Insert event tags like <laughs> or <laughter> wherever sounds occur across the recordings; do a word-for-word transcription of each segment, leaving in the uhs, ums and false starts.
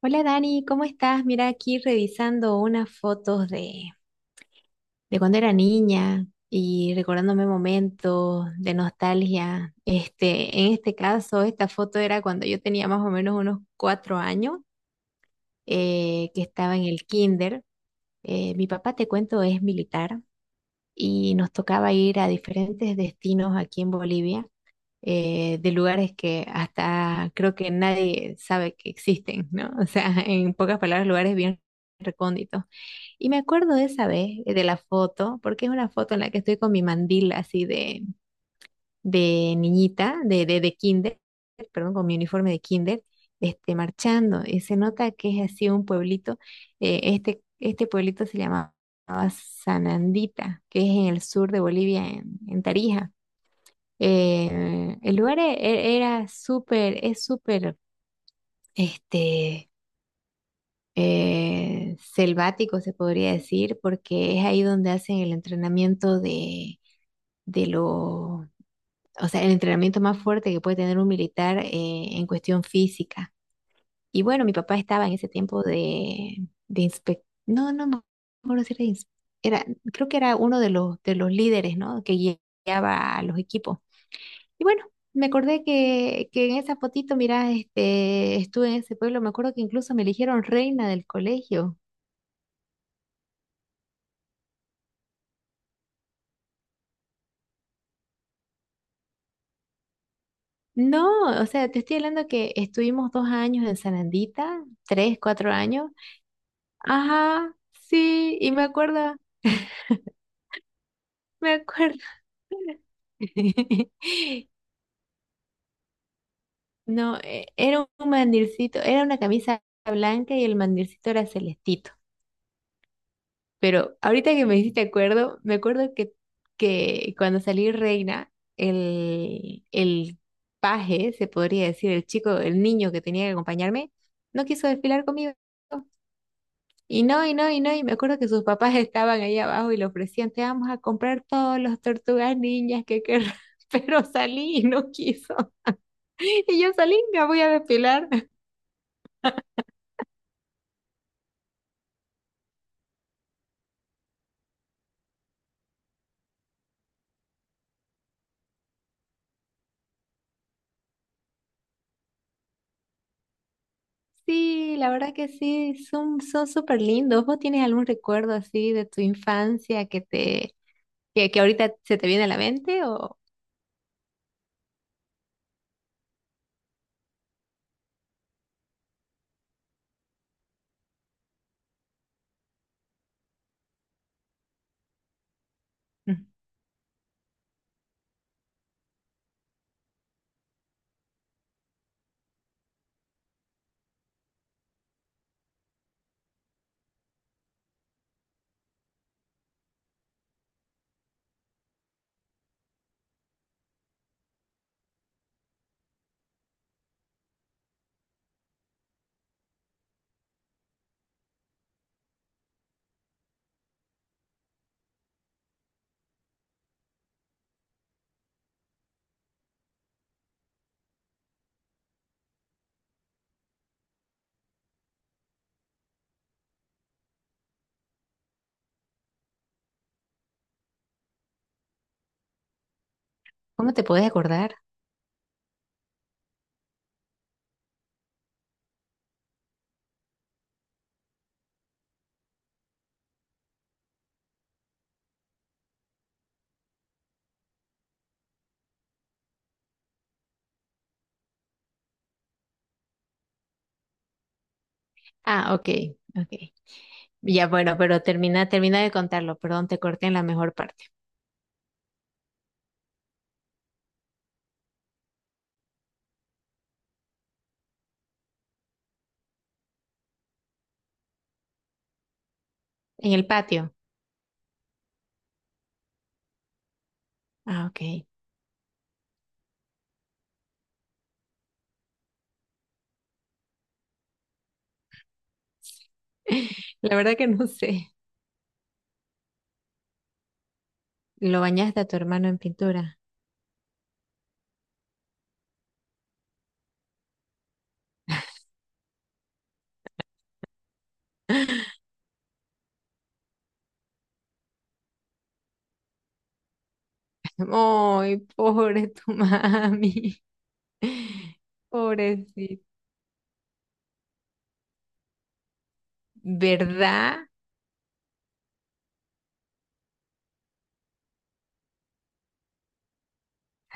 Hola Dani, ¿cómo estás? Mira, aquí revisando unas fotos de, de cuando era niña y recordándome momentos de nostalgia. Este, en este caso, esta foto era cuando yo tenía más o menos unos cuatro años, eh, que estaba en el kinder. Eh, mi papá, te cuento, es militar y nos tocaba ir a diferentes destinos aquí en Bolivia, eh, de lugares que hasta creo que nadie sabe que existen, ¿no? <laughs> O sea, en pocas palabras, lugares bien recónditos. Y me acuerdo de esa vez, eh, de la foto, porque es una foto en la que estoy con mi mandil así de, de niñita, de, de, de kinder, perdón, con mi uniforme de kinder, este, marchando. Y se nota que es así un pueblito. eh, este, este pueblito se llamaba Sanandita, que es en el sur de Bolivia, en, en Tarija. Eh, el lugar e- e- era súper, es súper, este eh, selvático, se podría decir, porque es ahí donde hacen el entrenamiento de, de lo, o sea, el entrenamiento más fuerte que puede tener un militar eh, en cuestión física. Y bueno, mi papá estaba en ese tiempo de, de inspec- no, no me acuerdo si era, ins- era, creo que era uno de los, de los líderes, ¿no? Que gui- guiaba a los equipos. Y bueno, me acordé que, que en esa fotito, mira, este, estuve en ese pueblo, me acuerdo que incluso me eligieron reina del colegio. No, o sea, te estoy hablando que estuvimos dos años en Sanandita, tres, cuatro años. Ajá, sí, y me acuerdo, me acuerdo. <laughs> No, eh, era un mandilcito, era una camisa blanca y el mandilcito era celestito. Pero ahorita que me hiciste acuerdo, me acuerdo que, que cuando salí reina, el, el paje, se podría decir, el chico, el niño que tenía que acompañarme, no quiso desfilar conmigo. Y no, y no, y no, y me acuerdo que sus papás estaban ahí abajo y le ofrecían, te vamos a comprar todos los tortugas niñas que querrás, <laughs> pero salí y no quiso. Y yo salí, me voy a depilar. Sí, la verdad que sí, son, son súper lindos. ¿Vos tienes algún recuerdo así de tu infancia que te, que, que ahorita se te viene a la mente o mm, cómo te puedes acordar? Ah, ok, ok. Ya bueno, pero termina, termina de contarlo, perdón, te corté en la mejor parte. En el patio. Ah, ok. <laughs> La verdad que no sé. ¿Lo bañaste a tu hermano en pintura? Ay, pobre tu <laughs> mami. Pobrecito. ¿Verdad?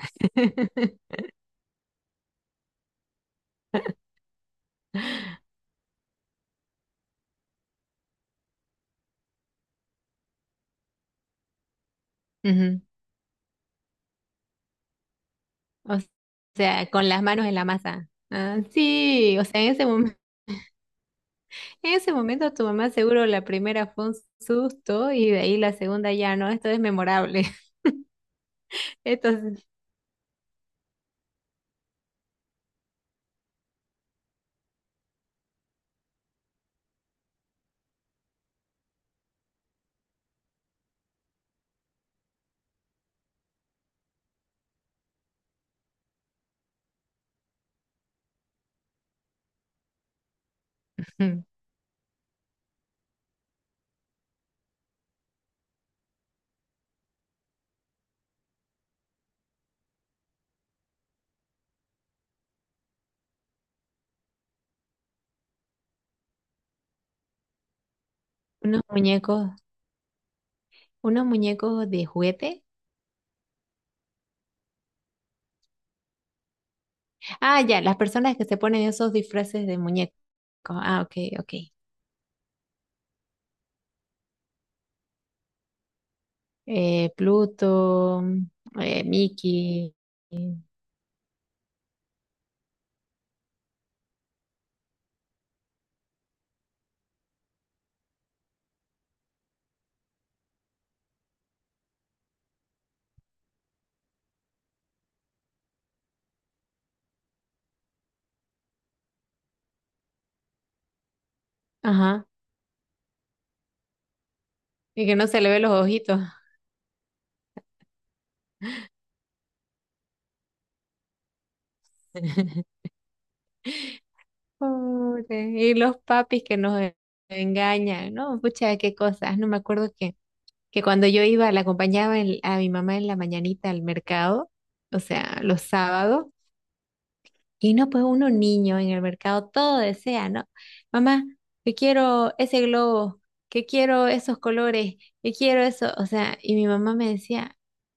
<laughs> Ujú. O sea, con las manos en la masa. Ah, sí, o sea, en ese momento, en ese momento tu mamá seguro la primera fue un susto y de ahí la segunda ya no, esto es memorable. <laughs> Entonces, unos muñecos, unos muñecos de juguete. Ah, ya, las personas que se ponen esos disfraces de muñecos. Ah, ok, ok. Eh, Pluto, eh, Mickey. Ajá. Y que no se le ve los ojitos. <laughs> Pobre, y los papis que nos e- engañan, ¿no? Pucha, qué cosas. No me acuerdo que, que cuando yo iba, la acompañaba en- a mi mamá en la mañanita al mercado, o sea, los sábados. Y no, pues uno niño en el mercado todo desea, ¿no? Mamá, yo quiero ese globo, que quiero esos colores, que quiero eso. O sea, y mi mamá me decía,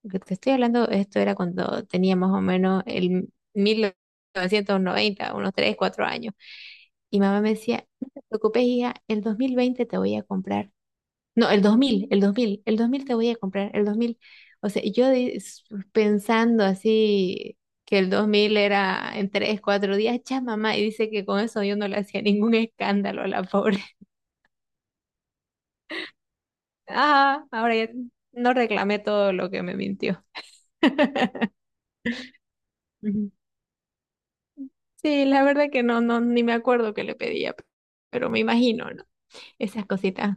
que te estoy hablando, esto era cuando tenía más o menos el mil novecientos noventa unos tres cuatro años. Y mamá me decía, no te preocupes, hija, el dos mil veinte te voy a comprar no, el dos mil, el dos mil, el dos mil te voy a comprar, el dos mil, o sea, yo de- s- pensando así que el dos mil era en tres cuatro días, ya mamá, y dice que con eso yo no le hacía ningún escándalo a la pobre. <laughs> Ah, ahora ya no reclamé todo lo que me mintió. Ujú. Sí, la verdad que no, no, ni me acuerdo que le pedía, pero me imagino, ¿no? Esas cositas.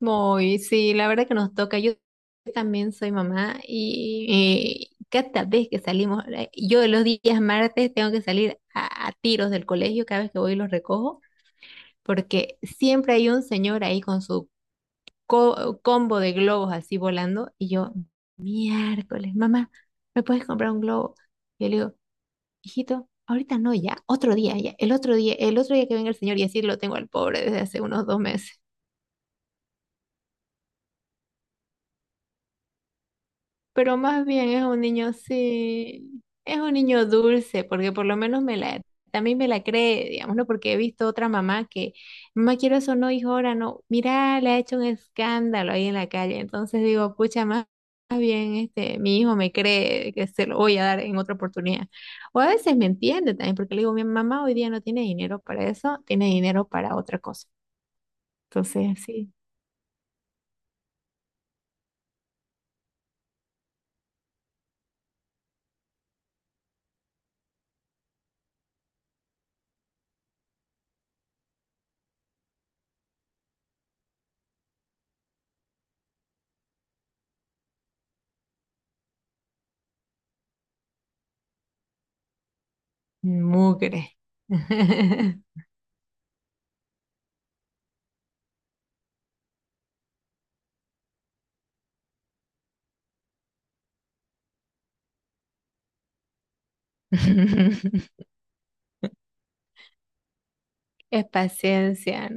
Muy, sí, la verdad que nos toca. Yo también soy mamá y eh, cada vez que salimos, eh, yo los días martes tengo que salir a, a tiros del colegio cada vez que voy y los recojo, porque siempre hay un señor ahí con su co- combo de globos así volando y yo, miércoles, mamá, ¿me puedes comprar un globo? Y yo le digo, hijito, ahorita no, ya, otro día, ya, el otro día, el otro día que venga el señor y así lo tengo al pobre desde hace unos dos meses. Pero más bien es un niño, sí, es un niño dulce, porque por lo menos me la, también me la cree, digamos, ¿no? Porque he visto otra mamá que, mamá, quiero eso, no, hijo, ahora no, mira, le ha hecho un escándalo ahí en la calle, entonces digo, pucha, más, más bien, este, mi hijo me cree que se lo voy a dar en otra oportunidad. O a veces me entiende también, porque le digo, mi mamá hoy día no tiene dinero para eso, tiene dinero para otra cosa. Entonces, sí, mugre. <laughs> Es paciencia.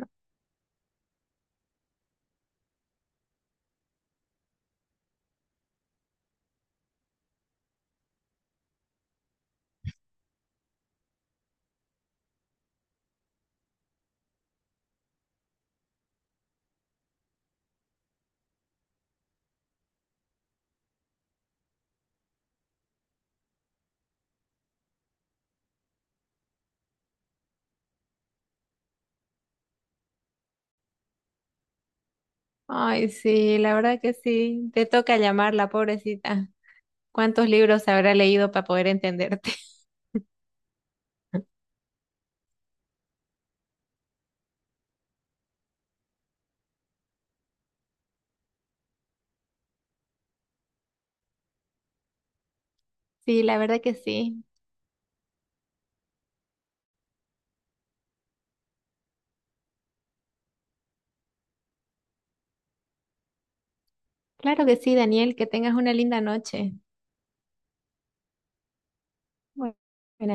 Ay, sí, la verdad que sí. Te toca llamarla, pobrecita. ¿Cuántos libros habrá leído para poder entenderte? <laughs> Sí, la verdad que sí. Claro que sí, Daniel, que tengas una linda noche. Bueno,